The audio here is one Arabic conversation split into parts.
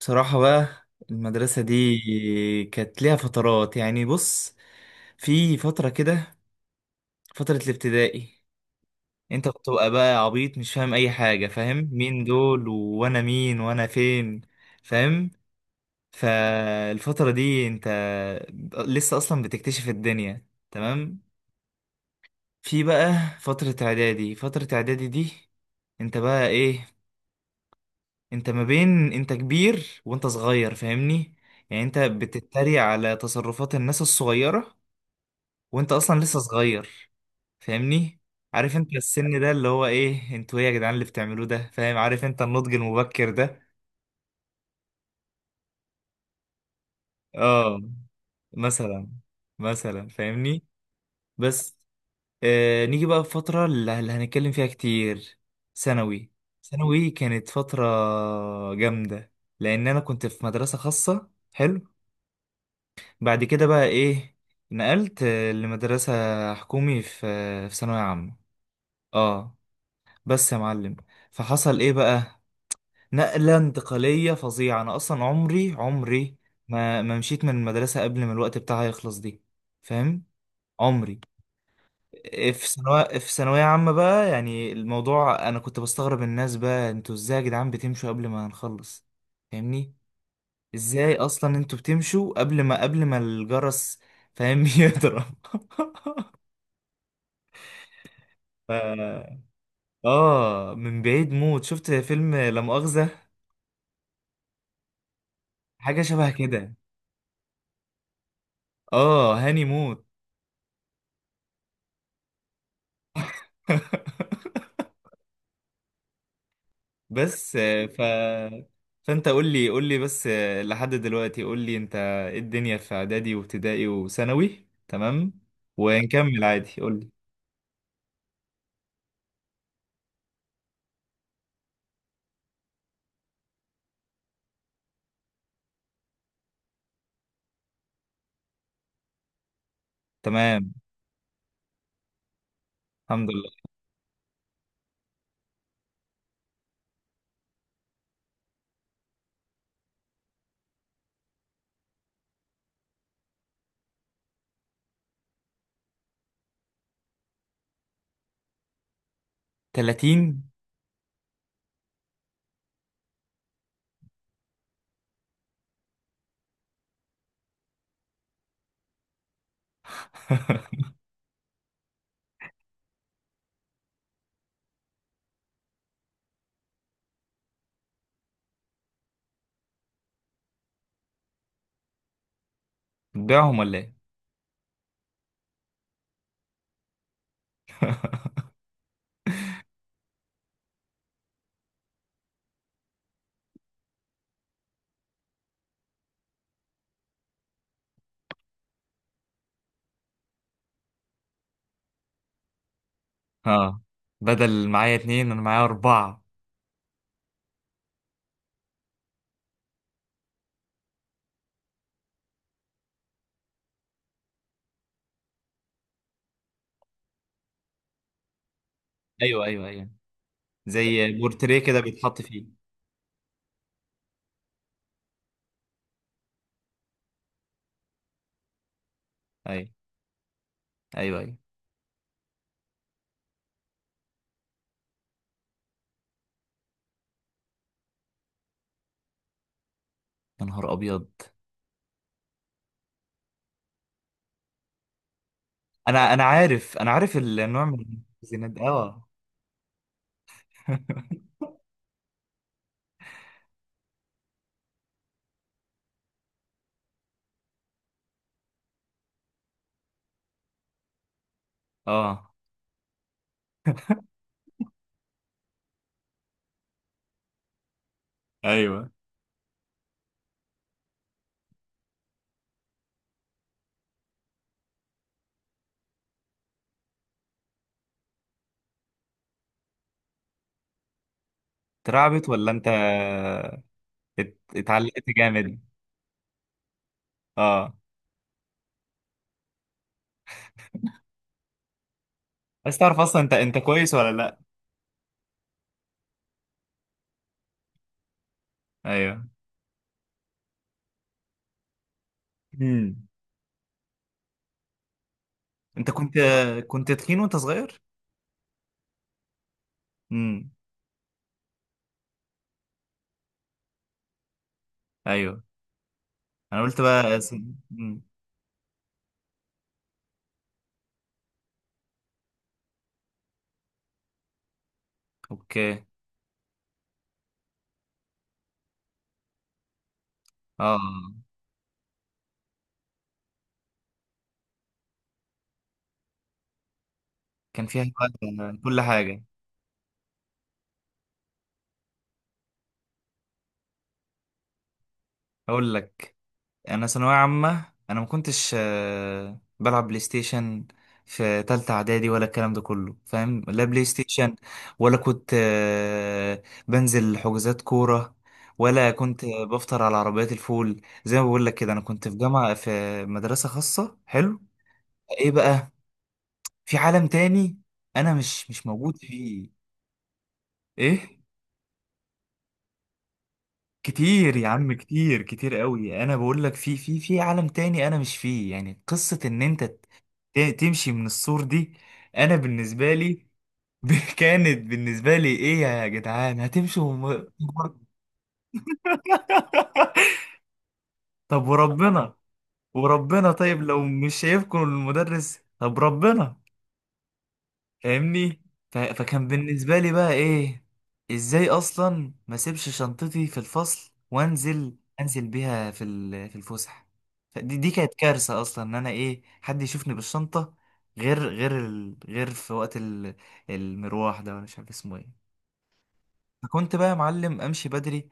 بصراحة بقى المدرسة دي كانت ليها فترات، يعني بص. في فترة كده، فترة الابتدائي، انت بتبقى بقى عبيط، مش فاهم اي حاجة، فاهم مين دول وانا مين وانا فين، فاهم؟ فالفترة دي انت لسه اصلا بتكتشف الدنيا، تمام. في بقى فترة اعدادي، فترة اعدادي دي انت بقى ايه؟ انت ما بين انت كبير وانت صغير، فاهمني؟ يعني انت بتتريق على تصرفات الناس الصغيرة وانت اصلا لسه صغير، فاهمني؟ عارف انت السن ده اللي هو ايه؟ انتوا ايه يا جدعان اللي بتعملوه ده؟ فاهم؟ عارف انت النضج المبكر ده؟ اه، مثلا. مثلا فاهمني؟ بس نيجي بقى في فترة اللي هنتكلم فيها كتير. ثانوي. ثانوي كانت فترة جامدة لأن أنا كنت في مدرسة خاصة، حلو. بعد كده بقى ايه؟ نقلت، لمدرسة حكومي، في ثانوية عامة. اه. بس يا معلم، فحصل ايه بقى؟ نقلة انتقالية فظيعة. انا اصلا عمري عمري ما مشيت من المدرسة قبل ما الوقت بتاعها يخلص دي، فاهم؟ عمري! في ثانوية، في ثانوية عامة بقى، يعني الموضوع انا كنت بستغرب الناس. بقى انتوا ازاي يا جدعان بتمشوا قبل ما هنخلص؟ فاهمني؟ ازاي اصلا انتوا بتمشوا قبل ما الجرس، فاهم، يضرب؟ ف... اه، من بعيد موت. شفت فيلم لا مؤاخذة؟ حاجة شبه كده. اه، هاني موت. بس آه، ف فانت قول لي بس، لحد دلوقتي، قول لي انت ايه الدنيا في اعدادي وابتدائي وثانوي، تمام، ونكمل عادي. قول لي. تمام. الحمد لله. 30. بتبيعهم ولا ايه؟ اه، بدل معايا اتنين انا معايا اربعة. ايوه، ايوه، ايوه. زي بورتريه كده بيتحط فيه. ايوه، ايوه، ايوه. يا نهار ابيض! انا عارف، انا عارف النوع من الزينات ده. اه. اه. ايوه. اترعبت ولا انت اتعلقت جامد؟ اه. عايز تعرف اصلا انت انت كويس ولا لا. ايوه. امم. انت كنت، كنت تخين وانت صغير؟ امم. ايوه. انا قلت بقى مم. اوكي. اه، كان فيها بقى كل حاجه. اقول لك. يعني انا ثانويه عامه انا ما كنتش، بلعب بلاي ستيشن في تالتة اعدادي ولا الكلام ده كله، فاهم؟ لا بلاي ستيشن ولا كنت، بنزل حجوزات كوره، ولا كنت بفطر على عربيات الفول. زي ما بقول لك كده، انا كنت في جامعه، في مدرسه خاصه، حلو. ايه بقى؟ في عالم تاني انا مش موجود فيه. ايه؟ كتير يا عم، كتير، كتير قوي. انا بقول لك في في عالم تاني انا مش فيه. يعني قصة ان انت تمشي من السور دي، انا بالنسبه لي كانت بالنسبه لي ايه يا جدعان هتمشوا وم... طب وربنا. وربنا طيب لو مش شايفكم المدرس طب ربنا، فاهمني؟ فكان بالنسبة لي بقى ايه؟ ازاي اصلا ما اسيبش شنطتي في الفصل وانزل، انزل بيها في الفسح! فدي دي كانت كارثة اصلا ان انا ايه حد يشوفني بالشنطة، غير غير في وقت المروح ده، ولا مش عارف اسمه ايه. فكنت بقى يا معلم امشي بدري،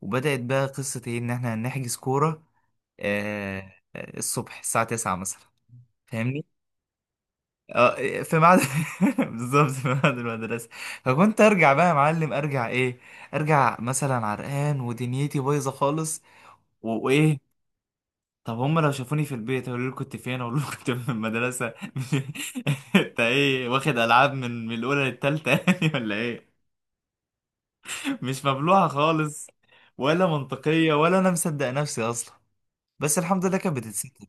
وبدأت بقى قصة ايه ان احنا نحجز كورة آه... الصبح الساعة 9 مثلا، فاهمني؟ اه، في ميعاد، بالظبط في ميعاد المدرسة. فكنت ارجع بقى يا معلم، ارجع ايه؟ ارجع مثلا عرقان ودنيتي بايظة خالص، وايه. طب هم لو شافوني في البيت هيقولوا لي كنت فين؟ اقول لهم كنت في المدرسة. انت ايه واخد العاب من من الاولى للتالتة يعني ولا ايه؟ مش مبلوعة خالص، ولا منطقية، ولا انا مصدق نفسي اصلا. بس الحمد لله كانت بتتستر،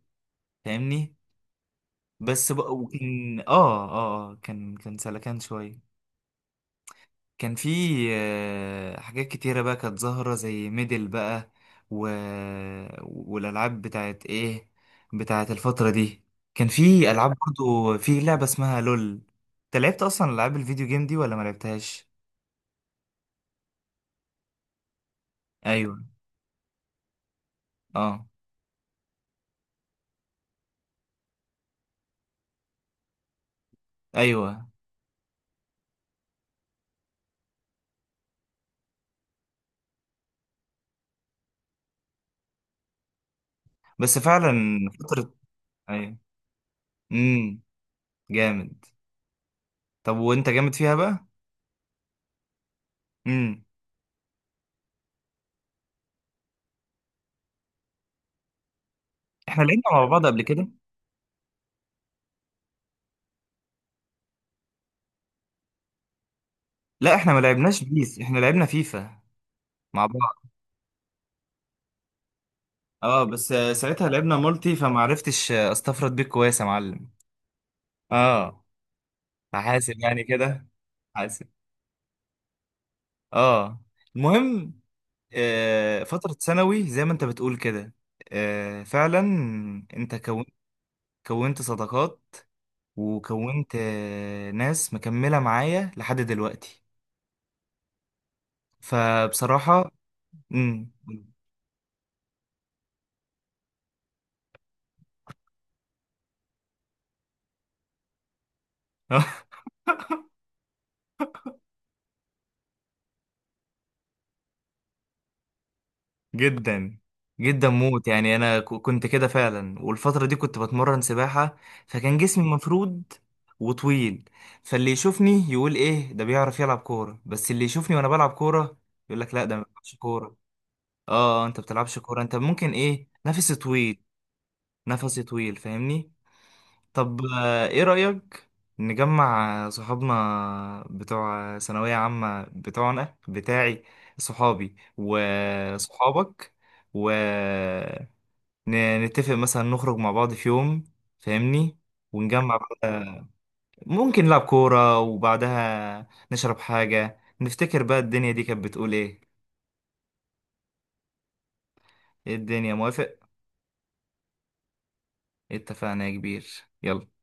فاهمني؟ بس بقى، وكان كان كان سلكان شوية. كان في، حاجات كتيرة بقى كانت ظاهرة زي ميدل بقى، و... والألعاب بتاعت إيه، بتاعت الفترة دي. كان في ألعاب برضو، في لعبة اسمها لول. أنت لعبت أصلا ألعاب الفيديو جيم دي ولا ما لعبتهاش؟ أيوه. أه. أيوه. بس فعلا. فترة. أيوه. أمم. جامد. طب وأنت جامد فيها بقى؟ أمم. إحنا لعبنا مع بعض قبل كده؟ لا، إحنا ما لعبناش بيس، إحنا لعبنا فيفا مع بعض. اه بس، ساعتها لعبنا مالتي فمعرفتش، استفرد بيك كويس يا معلم. اه، فحاسب يعني كده، حاسب. اه. المهم، آه، فترة ثانوي زي ما انت بتقول كده، آه، فعلا انت كونت، كونت صداقات، وكونت آه ناس مكملة معايا لحد دلوقتي. فبصراحة. امم. جدا، جدا موت. يعني انا كنت كده فعلا، والفتره دي كنت بتمرن سباحه، فكان جسمي مفرود وطويل. فاللي يشوفني يقول ايه ده بيعرف يلعب كوره، بس اللي يشوفني وانا بلعب كوره يقول لك لا ده ما بيلعبش كوره. اه، انت بتلعبش كوره، انت ممكن ايه، نفسي طويل. نفسي طويل، فاهمني؟ طب، ايه رأيك نجمع صحابنا بتوع ثانوية عامة، بتوعنا، بتاعي، صحابي وصحابك، ونتفق مثلا نخرج مع بعض في يوم، فاهمني، ونجمع بقى، ممكن نلعب كورة وبعدها نشرب حاجة، نفتكر بقى الدنيا دي كانت بتقول ايه. ايه الدنيا، موافق؟ اتفقنا يا كبير. يلا.